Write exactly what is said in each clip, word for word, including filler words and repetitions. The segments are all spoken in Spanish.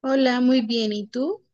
Hola, muy bien. ¿Y tú?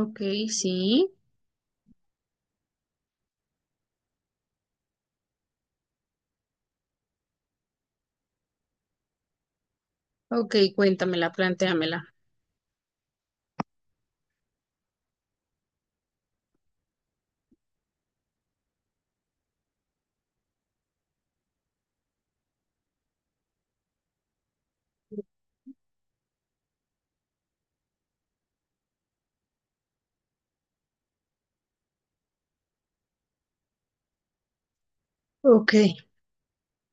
Ok, sí. Ok, cuéntamela, plantéamela. Ok.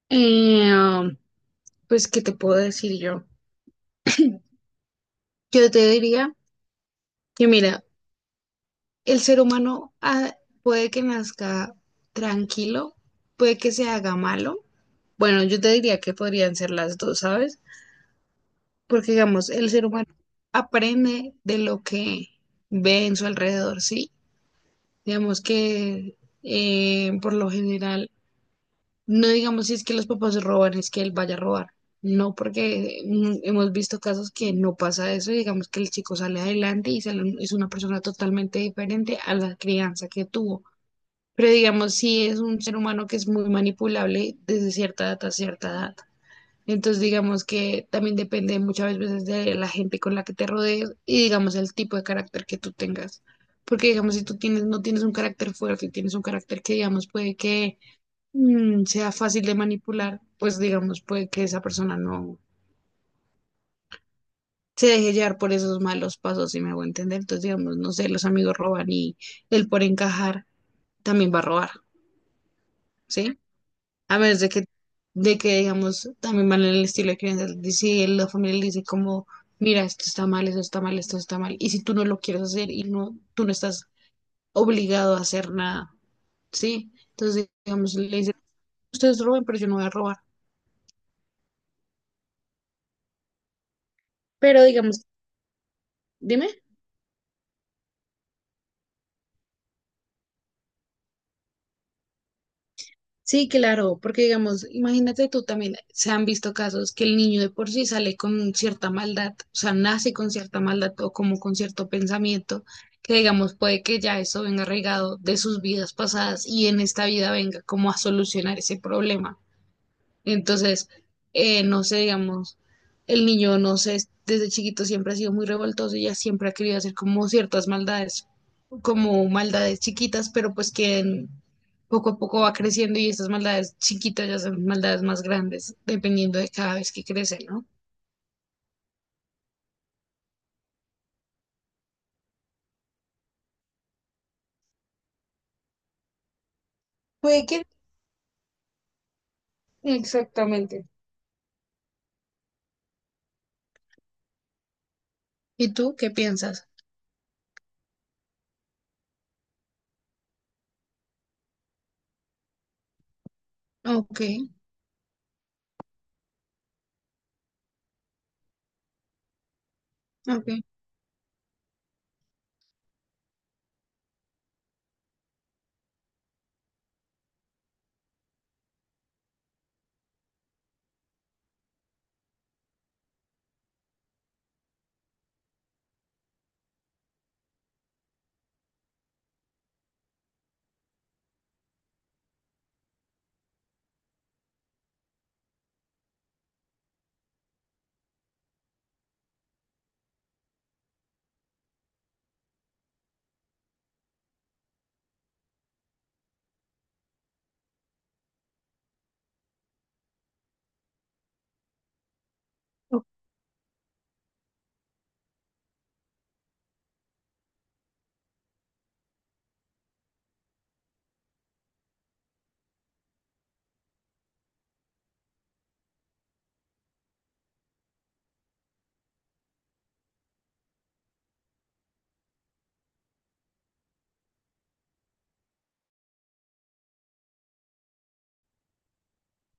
Eh, um, pues, ¿qué te puedo decir yo? Yo te diría que, mira, el ser humano ah, puede que nazca tranquilo, puede que se haga malo. Bueno, yo te diría que podrían ser las dos, ¿sabes? Porque, digamos, el ser humano aprende de lo que ve en su alrededor, ¿sí? Digamos que eh, por lo general, no digamos si es que los papás roban, es que él vaya a robar. No, porque mm, hemos visto casos que no pasa eso, y digamos que el chico sale adelante y sale un- es una persona totalmente diferente a la crianza que tuvo. Pero digamos, si es un ser humano que es muy manipulable desde cierta edad a cierta edad. Entonces, digamos que también depende muchas veces de la gente con la que te rodees y, digamos, el tipo de carácter que tú tengas. Porque, digamos, si tú tienes, no tienes un carácter fuerte, tienes un carácter que, digamos, puede que mm, sea fácil de manipular, pues, digamos, puede que esa persona no se deje llevar por esos malos pasos, si me hago entender. Entonces, digamos, no sé, los amigos roban y él por encajar también va a robar, ¿sí? A menos de que, de que digamos, también van en el estilo de crianza. Si la familia le dice como, mira, esto está mal, esto está mal, esto está mal. Y si tú no lo quieres hacer y no, tú no estás obligado a hacer nada, ¿sí? Entonces, digamos, le dice, ustedes roben, pero yo no voy a robar. Pero digamos, dime. Sí, claro, porque digamos, imagínate tú también, se han visto casos que el niño de por sí sale con cierta maldad, o sea, nace con cierta maldad o como con cierto pensamiento, que digamos puede que ya eso venga arraigado de sus vidas pasadas y en esta vida venga como a solucionar ese problema. Entonces, eh, no sé, digamos, el niño, no sé, desde chiquito siempre ha sido muy revoltoso y ya siempre ha querido hacer como ciertas maldades, como maldades chiquitas, pero pues que en- poco a poco va creciendo y estas maldades chiquitas ya son maldades más grandes, dependiendo de cada vez que crece, ¿no? Puede que... Exactamente. ¿Y tú qué piensas? Ok, ok, o-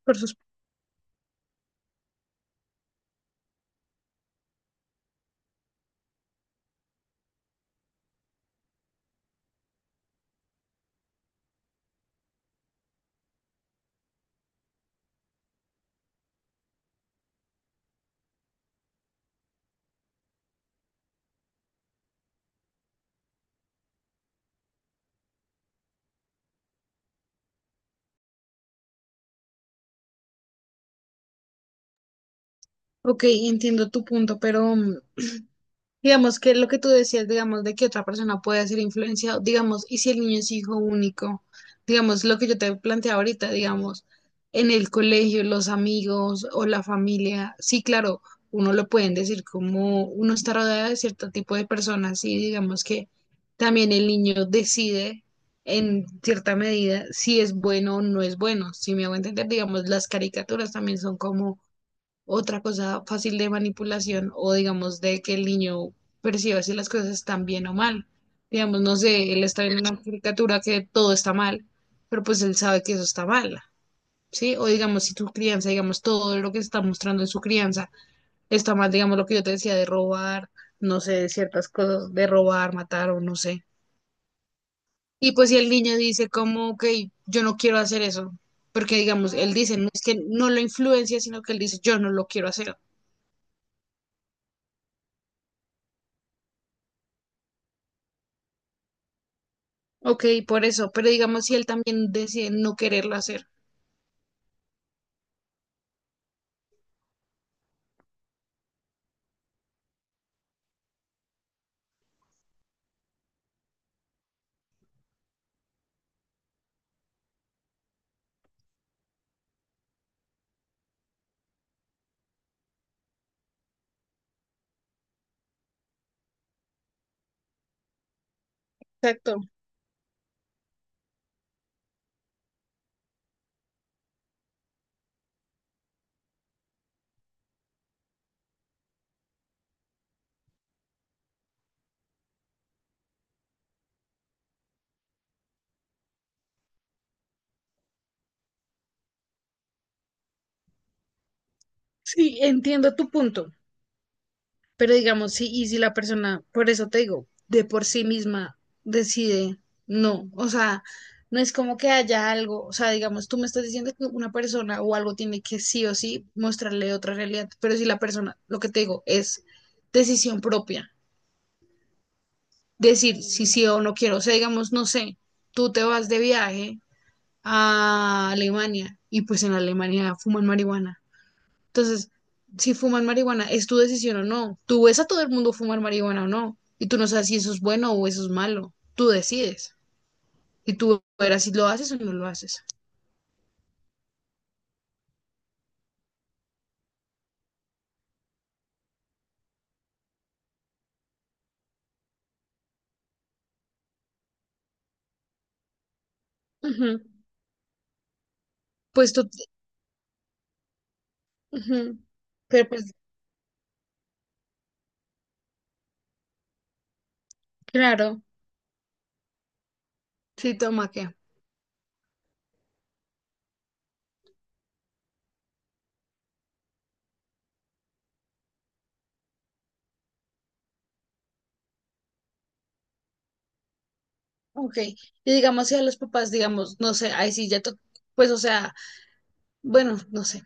por sus- ok, entiendo tu punto, pero mm, digamos que lo que tú decías, digamos, de que otra persona puede ser influenciado, digamos, y si el niño es hijo único, digamos, lo que yo te planteaba ahorita, digamos, en el colegio, los amigos o la familia, sí, claro, uno lo pueden decir como uno está rodeado de cierto tipo de personas y digamos que también el niño decide en cierta medida si es bueno o no es bueno, si me hago entender, digamos, las caricaturas también son como otra cosa fácil de manipulación o digamos de que el niño perciba si las cosas están bien o mal. Digamos, no sé, él está viendo una caricatura que todo está mal, pero pues él sabe que eso está mal, ¿sí? O digamos, si tu crianza, digamos, todo lo que se está mostrando en su crianza está mal, digamos, lo que yo te decía de robar, no sé, de ciertas cosas, de robar, matar o no sé. Y pues si el niño dice como, ok, yo no quiero hacer eso, porque digamos, él dice, no es que no lo influencia, sino que él dice, yo no lo quiero hacer. Ok, por eso, pero digamos si él también decide no quererlo hacer. Exacto. Sí, entiendo tu punto, pero digamos, sí, y si la persona, por eso te digo, de por sí misma decide no, o sea, no es como que haya algo, o sea, digamos, tú me estás diciendo que una persona o algo tiene que sí o sí mostrarle otra realidad, pero si la persona, lo que te digo, es decisión propia, decir si sí o no quiero, o sea, digamos, no sé, tú te vas de viaje a Alemania y pues en Alemania fuman marihuana. Entonces, si fuman marihuana, es tu decisión o no. Tú ves a todo el mundo fumar marihuana o no y tú no sabes si eso es bueno o eso es malo. Tú decides y tú verás si lo haces o no lo haces. Ujú. Pues tú, ujú. Pero pues, claro. Sí, toma que. Ok, y digamos si a los papás, digamos, no sé, ahí sí ya, to- pues o sea, bueno, no sé.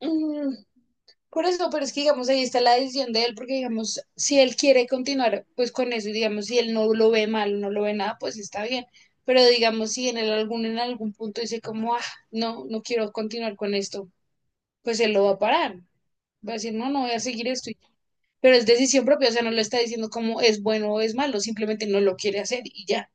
Mm, Por eso, pero es que digamos, ahí está la decisión de él, porque digamos, si él quiere continuar pues con eso y digamos, si él no lo ve mal, no lo ve nada, pues está bien. Pero digamos, si en el algún, en algún punto dice como, ah, no, no quiero continuar con esto, pues él lo va a parar. Va a decir, no, no voy a seguir esto. y- Pero es decisión propia, o sea, no le está diciendo como es bueno o es malo, simplemente no lo quiere hacer y ya.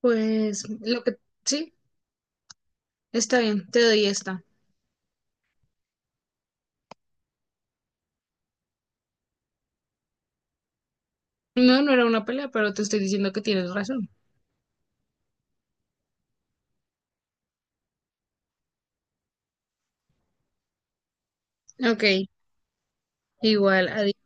Pues lo que sí, está bien, te doy esta. No, no era una pelea, pero te estoy diciendo que tienes razón. Ok, igual, adiós.